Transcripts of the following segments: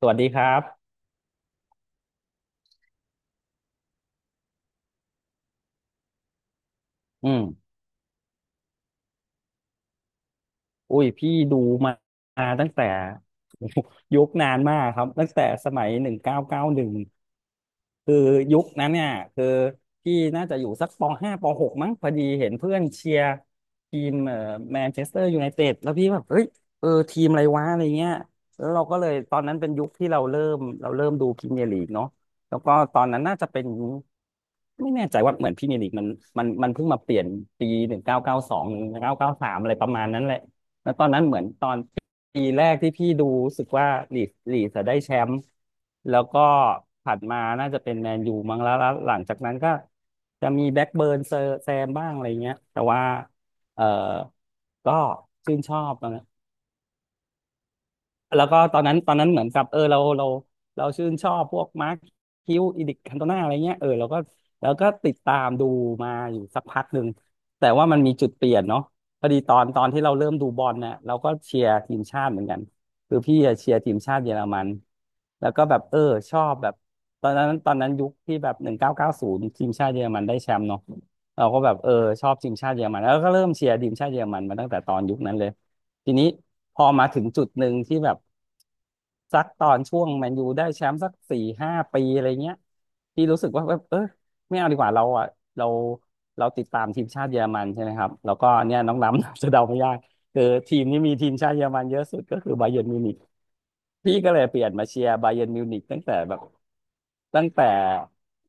สวัสดีครับอืม อุ้ยพี่ดูมาตั้งแต่ ยุคนานมากครับตั้งแต่สมัย1991คือยุคนั้นเนี่ยคือพี่น่าจะอยู่สักปห้าปหกมั้งพอดีเห็นเพื่อนเชียร์ทีมแมนเชสเตอร์ยูไนเต็ดแล้วพี่แบบเฮ้ยเออทีมอะไรวะอะไรเงี้ยแล้วเราก็เลยตอนนั้นเป็นยุคที่เราเริ่มดูพรีเมียร์ลีกเนาะแล้วก็ตอนนั้นน่าจะเป็นไม่แน่ใจว่าเหมือนพรี่เมียร์ลีกมันเพิ่งมาเปลี่ยนปี19921993อะไรประมาณนั้นแหละ แล้วตอนนั้นเหมือนตอนปีแรกที่พี่ดูรู้สึกว่าลีดจะได้แชมป์แล้วก็ถัดมาน่าจะเป็นแมนยูมั้งแล้วหลังจากนั้นก็จะมีแบ็กเบิร์นเซอร์แซมบ้างอะไรเงี้ยแต่ว่าเออก็ชื่นชอบนะ แล้วก็ตอนนั้นเหมือนกับเออเราชื่นชอบพวกมาร์คคิวอีดิคันโตนาอะไรเงี้ยเออเราก็แล้วก็ติดตามดูมาอยู่สักพักหนึ่งแต่ว่ามันมีจุดเปลี่ยนเนาะพอดีตอนที่เราเริ่มดูบอลเนี่ยเราก็เชียร์ทีมชาติเหมือนกันคือพี่อะเชียร์ทีมชาติเยอรมันแล้วก็แบบเออชอบแบบตอนนั้นยุคที่แบบ1990ทีมชาติเยอรมันได้แชมป์เนาะเราก็แบบเออชอบทีมชาติเยอรมันแล้วก็เริ่มเชียร์ทีมชาติเยอรมันมาตั้งแต่ตอนยุคนั้นเลยทีนี้พอมาถึงจุดหนึ่งที่แบบ สักตอนช่วงแมนยูได้แชมป์สัก4-5 ปีอะไรเงี้ยที่รู้สึกว่าแบบเออไม่เอาดีกว่าเราอ่ะเราเราติดตามทีมชาติเยอรมันใช่ไหมครับแล้วก็เนี่ยน้องล้ำ จะเดาไม่ยากคือทีมที่มีทีมชาติเยอรมันเยอะสุดก็คือบาเยิร์นมิวนิกพี่ก็เลยเปลี่ยนมาเชียร์บาเยิร์นมิวนิกตั้งแต่แบบ ตั้งแต่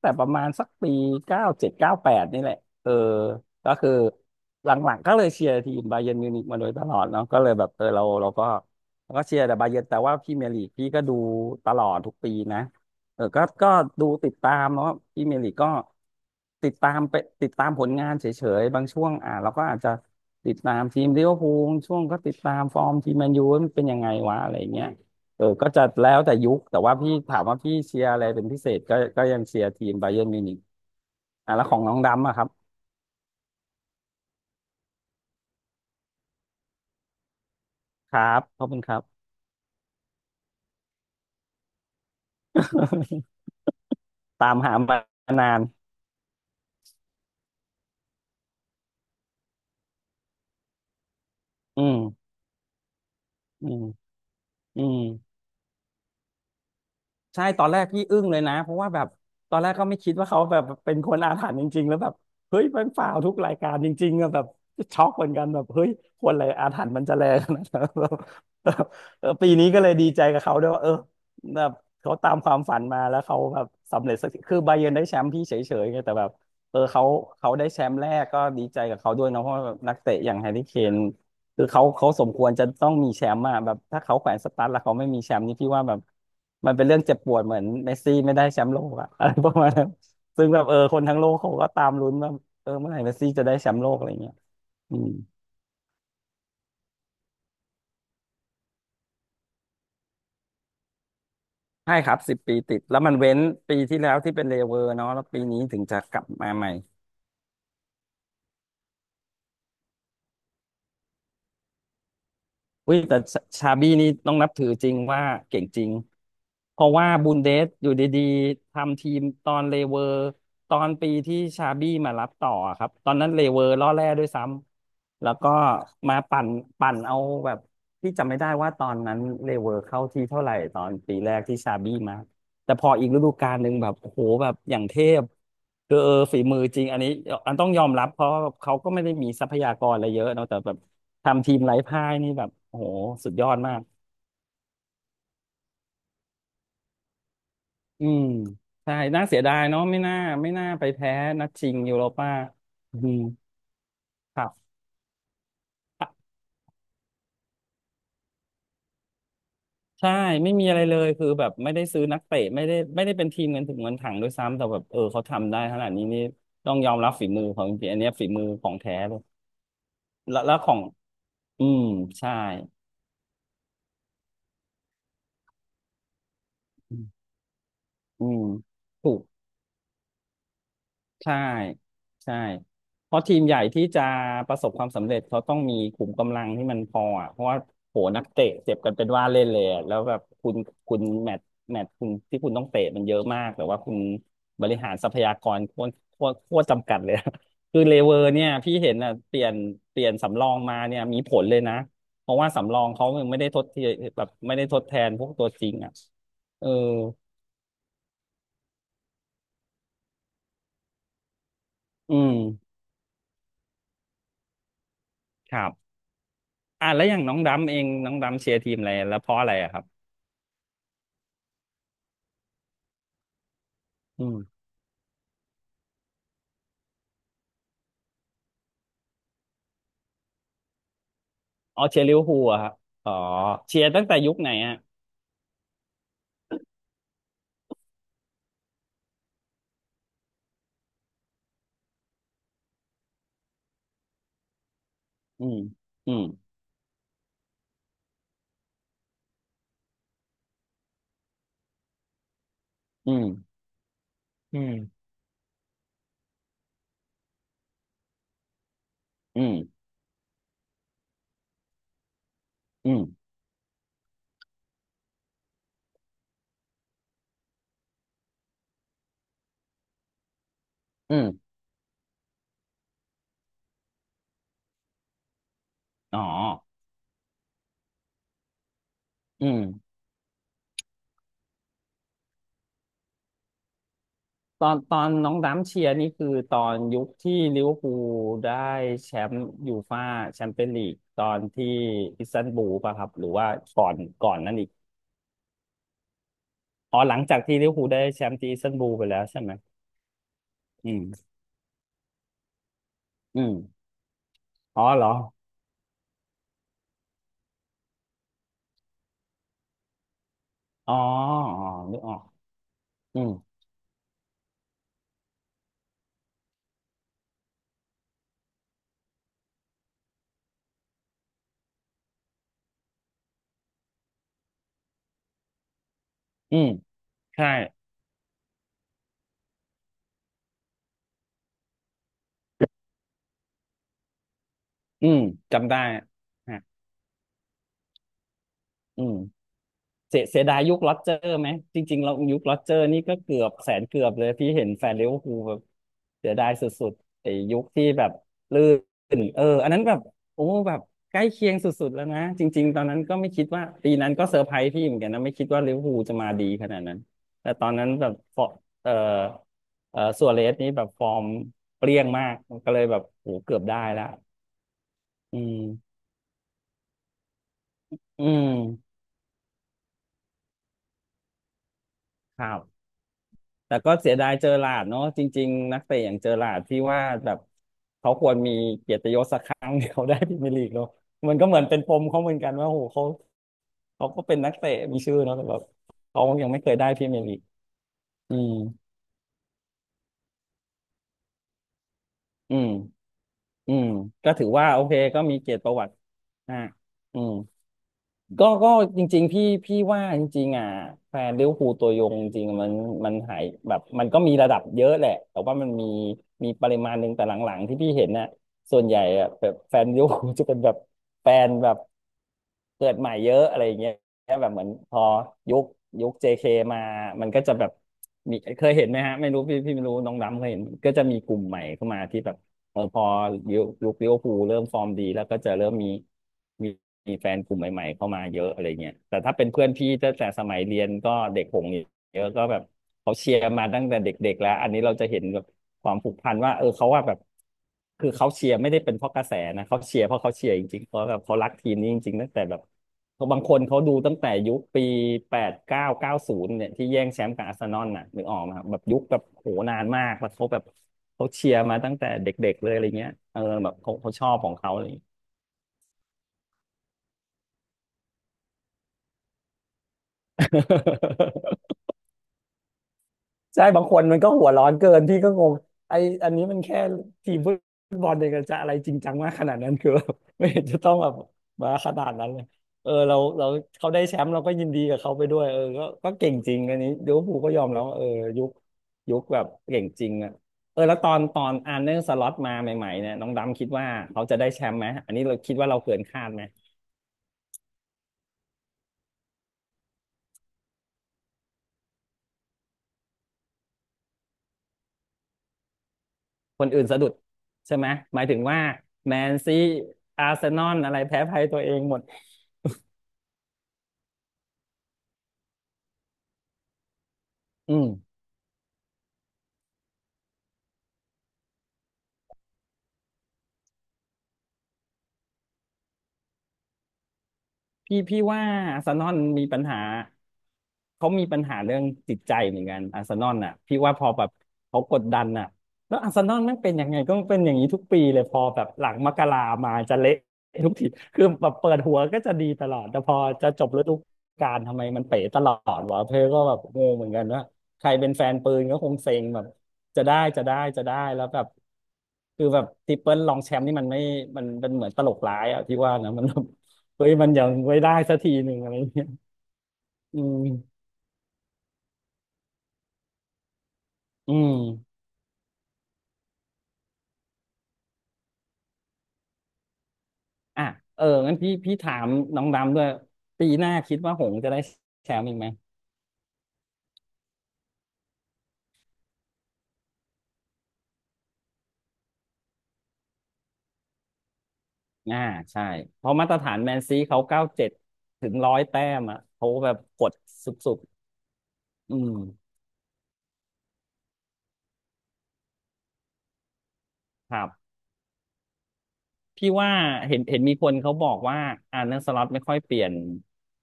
แต่ประมาณสักปี97-98นี่แหละเออก็คือหลังๆก็เลยเชียร์ทีมบาเยิร์นมิวนิกมาโดยตลอดเนาะก็เลยแบบเออเราก็เชียร์แต่บาเยิร์นแต่ว่าพรีเมียร์ลีกพี่ก็ดูตลอดทุกปีนะเออก็ดูติดตามแล้วพรีเมียร์ลีกก็ติดตามไปติดตามผลงานเฉยๆบางช่วงอ่าเราก็อาจจะติดตามทีมลิเวอร์พูลช่วงก็ติดตามฟอร์มทีมแมนยูว่ามันเป็นยังไงวะอะไรเงี้ย เออก็จะแล้วแต่ยุค แต่ว่าพี่ถามว่าพี่เชียร์อะไรเป็นพิเศษก็ยังเชียร์ทีมไบเยิร์นมิวนิกอ่ะแล้วของน้องดำอะครับ ครับขอบคุณครับ ตามหามานานอืมอืมอืม ใช่ตอนแรกพี่อึ้งเลยนะเพราะว่าแบบตอนแรกก็ไม่คิดว่าเขาแบบเป็นคนอาถรรพ์จริงๆแล้วแบบเฮ้ยมันฝ่าวทุกรายการจริงๆอะแบบช็อกเหมือนกันแบบเฮ้ยคนอะไรอาถรรพ์มันจะแรงขนาดนั้น แบบเออปีนี้ก็เลยดีใจกับเขาด้วยว่าเออแบบเขาตามความฝันมาแล้วเขาแบบสำเร็จสักทีคือไบาเยิร์นได้แชมป์พี่เฉยๆไงแต่แบบเออเขาได้แชมป์แรกก็ดีใจกับเขาด้วยเนาะเพราะว่านักเตะอย่างแฮร์รี่เคน คือเขาสมควรจะต้องมีแชมป์อะแบบถ้าเขาแขวนสตั๊ดแล้วเขาไม่มีแชมป์นี่พี่ว่าแบบมันเป็นเรื่องเจ็บปวดเหมือนเมสซี่ไม่ได้แชมป์โลกอะ อะไรประมาณนั้นซึ่งแบบเออคนทั้งโลกเขาก็ตามลุ้นว่าเออเมื่อไหร่เมสซี่จะได้แชมป์โลกอะไรเงี้ยอืมใช่ครับ10 ปีติดแล้วมันเว้นปีที่แล้วที่เป็นเลเวอร์เนาะแล้วปีนี้ถึงจะกลับมาใหม่ อุ้ยแต่ชชาบี้นี่ต้องนับถือจริงว่าเก่งจริงเพราะว่าบุนเดสอยู่ดีๆทำทีมตอนเลเวอร์ตอนปีที่ชาบี้มารับต่อครับตอนนั้นเลเวอร์ล่อแร่ด้วยซ้ำแล้วก็มาปั่นเอาแบบที่จำไม่ได้ว่าตอนนั้นเลเวอร์เข้าที่เท่าไหร่ตอนปีแรกที่ชาบี้มา แต่พออีกฤดูกาลหนึ่งแบบโอ้โหแบบอย่างเทพคือฝีมือจริงอันนี้อันต้องยอมรับเพราะเขาก็ไม่ได้มีทรัพยากรอะไรเยอะเนอะแต่แบบทำทีมไร้พ่ายนี่แบบโอ้โหสุดยอดมากอืมใช่น่าเสียดายเนาะไม่น่าไปแพ้นัดชิงยูโรป้าอืมครับใช่ไม่มีอะไรเลยคือแบบไม่ได้ซื้อนักเตะไม่ได้เป็นทีมเงินถึงเงินถังด้วยซ้ำแต่แบบเขาทำได้ขนาดนี้นี่ต้องยอมรับฝีมือของจริงๆอันเนี้ยฝีมือของแท้เลยแล้วของอืมใช่ อืมอืมถูกใช่ใช่เพราะทีมใหญ่ที่จะประสบความสำเร็จเขาต้องมีขุมกำลังที่มันพออ่ะเพราะว่าโหนักเตะเจ็บกันเป็นว่าเล่นเลยอะแล้วแบบคุณแมตช์แมตช์คุณที่คุณต้องเตะมันเยอะมากแต่ว่าคุณบริหารทรัพยากรโคตรจำกัดเลยอะ คือเลเวอร์เนี่ยพี่เห็นอ่ะเปลี่ยนสำรองมาเนี่ยมีผลเลยนะเพราะว่าสำรองเขายังไม่ได้ทดเทียแบบไม่ได้ทดแทนพวกตัวจริงอ่ะเอออืมครับ อ่ะแล้วอย่างน้องดำเองน้องดำเชียร์ทีมอะไรแล้วเพราะอะไรอะครับอืมอ๋อเชียร์ลิเวอร์พูลอะครับอ๋อเชียร์ตั้งแต่ยุคไหนอะอืมอืมอืมอืมอืมอืมอืมอ๋ออืมตอนน้องดำเชียร์นี่คือตอนยุคที่ลิเวอร์พูลได้แชมป์ยูฟ่าแชมเปี้ยนลีกตอนที่อิสตันบูลป่ะครับหรือว่าก่อนก่อนนั้นอีกอ๋อหลังจากที่ลิเวอร์พูลได้แชมป์ที่อิสตันบูลไปแล้วใช่ไหมอืมอืมอ๋อเหรออ๋ออ๋อนึกออกอืม อืมใช่อืมจำได้ฮะอืมเสียดายยุคล็เจอร์ไหมจริงๆเรายุคล็เจอร์นี่ก็เกือบแสนเกือบเลยพี่เห็นแฟนลิเวอร์พูลแบบเสียดายสุดๆไอ้ยุคที่แบบลื่นอันนั้นแบบโอ้แบบใกล้เคียงสุดๆแล้วนะจริงๆตอนนั้นก็ไม่คิดว่าปีนั้นก็เซอร์ไพรส์พี่เหมือนกันนะไม่คิดว่าลิเวอร์พูลจะมาดีขนาดนั้นแต่ตอนนั้นแบบฟอเออเออซัวเรสนี่แบบฟอร์มเปรี้ยงมากก็เลยแบบโหเกือบได้ละอืมอืม ครับแต่ก็เสียดายเจอหลาร์ดเนาะจริงๆนักเตะอย่างเจอหลาร์ดที่ว่าแบบเขาควรมีเกียรติยศสักครั้งที่เดีได้พรีเมียร์ลีกเนาะมันก็เหมือนเป็นปมเขาเหมือนกันว่าโหเขาก็เป็นนักเตะมีชื่อเนาะแต่แบบเขายังไม่เคยได้พรีเมียร์ลีกอืมอืมอืมก็ถือว่าโอเคก็มีเกียรติประวัติอ่าอืม ก็จริงๆพี่ว่าจริงๆอ่ะแฟนลิเวอร์พูลตัวยงจริงๆมันหายแบบมันก็มีระดับเยอะแหละแต่ว่ามันมีมีปริมาณหนึ่งแต่หลังๆที่พี่เห็นน่ะส่วนใหญ่อ่ะแบบแฟนลิเวอร์พูลจะเป็นแบบแฟนแบบเกิดใหม่เยอะอะไรอย่างเงี้ยแบบเหมือนพอยุคยุค JK มามันก็จะแบบมีเคยเห็นไหมฮะไม่รู้พี่ไม่รู้น้องดำเคยเห็นก็จะมีกลุ่มใหม่เข้ามาที่แบบพอยุคลิเวอร์พูลเริ่มฟอร์มดีแล้วก็จะเริ่มมี มีแฟนกลุ่มใหม่ๆเข้ามาเยอะอะไรเงี้ยแต่ถ้าเป็นเพื่อนพี่ตั้งแต่สมัยเรียนก็เด็กหงเยอะก็แบบเขาเชียร์มาตั้งแต่เด็กๆแล้ว อันนี้เราจะเห็นแบบความผูกพันว่าเขาว่าแบบคือเขาเชียร์ไม่ได้เป็นเพราะกระแสนะเขาเชียร์เพราะเขาเชียร์จริงๆเพราะแบบเขารักทีมนี้จริงๆตั้งแต่แบบเขาบางคนเขาดูตั้งแต่ยุคปีแปดเก้าเก้าศูนย์เนี่ยที่แย่งแชมป์กับอาร์เซนอลน่ะนึกออกไหมครับแบบยุคแบบโหนานมากแล้วเขาแบบเขาเชียร์มาตั้งแต่เด็กๆเลยอะไรเงี้ยแบบเขาชอบของเขาอะไรอย่างเงี้ย ใช่บางคนมันก็หัวร้อนเกินพี่ก็งงไออันนี้มันแค่ทีมฟุตบอลเองจะอะไรจริงจังมากขนาดนั้นคือ ไม่เห็นจะต้องแบบมาขนาดนั้นเลยเราเขาได้แชมป์เราก็ยินดีกับเขาไปด้วยก็ก็เก่งจริงอันนี้ลิเวอร์พูลก็ยอมแล้วว่าเออยุคยุคแบบเก่งจริงอ่ะแล้วตอนอาร์เนสล็อตมาใหม่ๆเนี่ยน้องดำคิดว่าเขาจะได้แชมป์ไหมอันนี้เราคิดว่าเราเกินคาดไหมคนอื่นสะดุดใช่ไหมหมายถึงว่าแมนซีอาร์เซนอลอะไรแพ้ภัยตัวเองหมดอืม พี่พี่ว่าอาร์เซนอลมีปัญหาเขามีปัญหาเรื่องจิตใจเหมือนกันอาร์เซนอลน่ะพี่ว่าพอแบบเขากดดันน่ะแล้วอาร์เซนอลมันเป็นยังไงก็เป็นอย่างนี้ทุกปีเลยพอแบบหลังมกรามาจะเละทุกทีคือแบบเปิดหัวก็จะดีตลอดแต่พอจะจบฤดูกาลทำไมมันเป๋ตลอดวะเพื่อก็แบบงงเหมือนกันว่าใครเป็นแฟนปืนก็คงเซ็งแบบจะได้จะได้จะได้แล้วแบบคือแบบทริปเปิลรองแชมป์นี่มันไม่มันเป็นเหมือนตลกร้ายอะพี่ว่านะมัน เฮ้ยมันยังไว้ได้สักทีหนึ่งอะไรเงี้ยอืมอืมอ่ะเอองั้นพี่พี่ถามน้องดำด้วยปีหน้าคิดว่าหงส์จะได้แชมป์อีกไหม อ่าใช่ เพราะมาตรฐานแมนซีเขาเก้าเจ็ดถึงร้อยแต้มอ่ะเขาแบบกดสุดๆอืมครับพี่ว่าเห็นเห็นมีคนเขาบอกว่าอาร์เน s สล็อตไม่ค่อยเปลี่ยน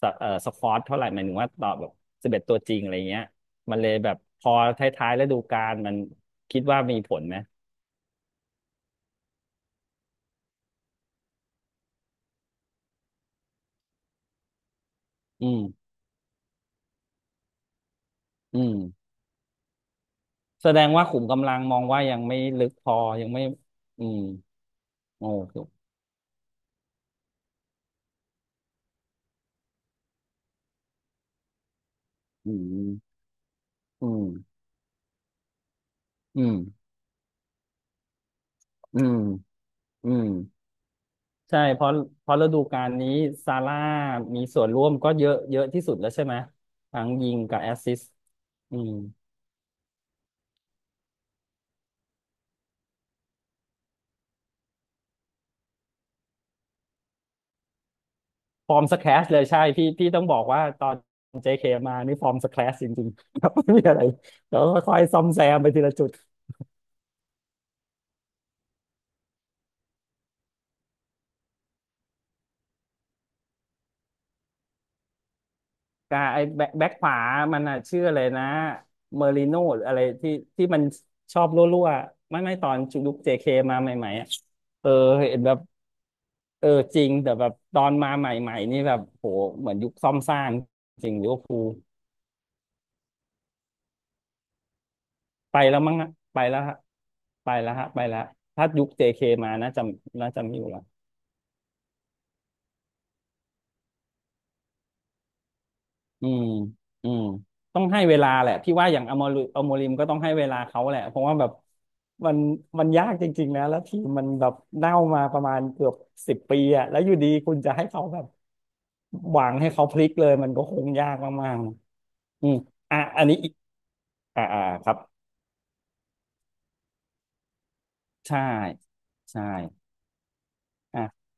สสควอตเท่าไหร่หมายถึงว่าต่อแบบสิบเอ็ดตัวจริงอะไรเงี้ยมันเลยแบบพอท้ายๆฤดูกาลมันคิดว่ามีผลไหมอืมอืม แสดงว่าขุมกำลังมองว่ายังไม่ลึกพอยังไม่อืมโอ้คืออืมอืมอืมอืมอืมใช่เพราะเพราะฤดูกาลนี้ซาร่ามีส่วนร่วมก็เยอะเยอะที่สุดแล้วใช่ไหมทั้งยิงกับแอสซิสต์อืมฟอร์มสแคลชเลยใช่พี่พี่ต้องบอกว่าตอน JK มานี่ฟอร์มสแคลชจริงๆ ครับไม่มีอะไรแล้วค่อยๆซ่อมแซมไปทีละจุด กาไอ้แบ็คแบ็คขวา มันอ่ะชื่ออะไรนะเมอริโน่หรืออะไรที่ที่มันชอบรั่วๆไม่ไม่ตอนจุยุคเจเคมาใหม่ๆอ่ะเออเห็นแบบเออจริงแต่แบบตอนมาใหม่ๆนี่แบบโหเหมือนยุคซ่อมสร้างจริงลิเวอร์พูลไปแล้วมั้งอะไปแล้วฮะไปแล้วฮะไปแล้วถ้ายุคเจเคมาน่าจะน่าจะมีอยู่แล้ว อืมอืมต้องให้เวลาแหละ พี่ว่าอย่างอมริอมริมก็ต้องให้เวลาเขาแหละเพราะว่าแบบมันมันยากจริงๆนะแล้วทีมมันแบบเน่ามาประมาณเกือบสิบปีอะแล้วอยู่ดีคุณจะให้เขาแบบหวังให้เขาพลิกเลยมันก็คงยากมากๆอืมอ่ะอันนี้อีกอ่าอ่าครับใช่ใช่อ่ะ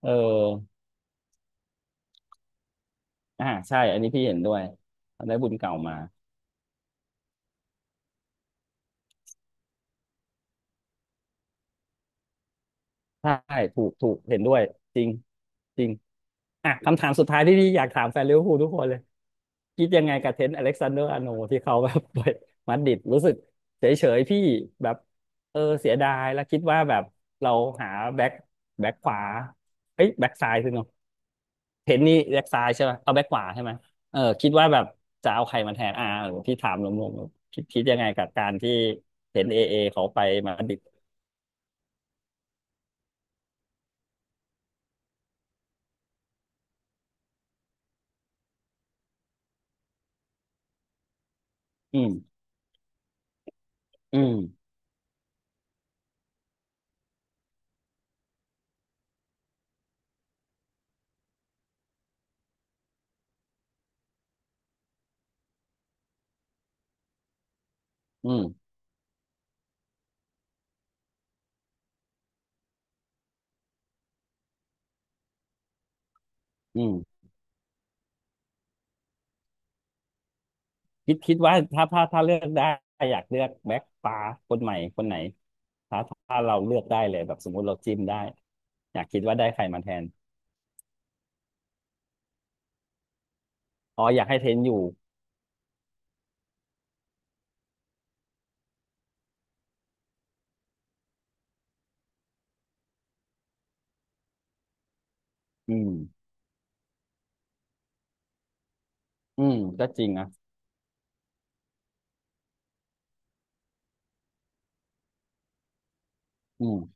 เอออ่าใช่อันนี้พี่เห็นด้วยได้บุญเก่ามา ใช่ถูกถูกเห็นด้วยจริงจริงอ่ะคำถามสุดท้ายที่พี่อยากถามแฟนลิเวอร์พูลทุกคนเลยคิดยังไงกับเทรนต์อเล็กซานเดอร์อาร์โนลด์ที่เขาแบบไปมาดริดรู้สึกเฉยเฉยพี่แบบเออเสียดายแล้วคิดว่าแบบเราหาแบ็คแบ็คขวาเอ้ยแบ็คซ้ายสิเนาะเทรนต์นี่แบ็คซ้ายใช่ไหมเอาแบ็คขวาใช่ไหมเออคิดว่าแบบจะเอาใครมาแทนอ่าหรือพี่ถามรวมๆคิดคิดยังไงกับการที่เทรนต์เอเอเขาไปมาดริดอืมอืมอืมอืม คิดคิดว่าถ้าถ้าถ้าเลือกได้อยากเลือกแบ็คฟ้าคนใหม่คนไหนถ้าถ้าเราเลือกได้เลยแบบสมมุติเราจิ้มได้อยากคิดว่าได้ใครมาแทนอ๋ออยากให้เทนอยู่อืมอืมก็จริงนะอืม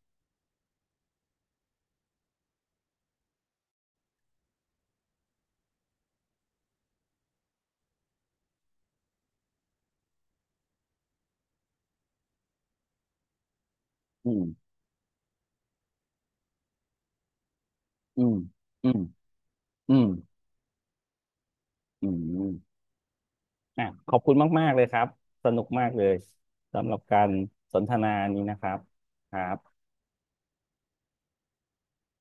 อืมอืมอืมอืมอืมอมอ่ะขอบคุณมากๆเลยครับสนุกมากเลยสำหรับการสนทนานี้นะครับครับ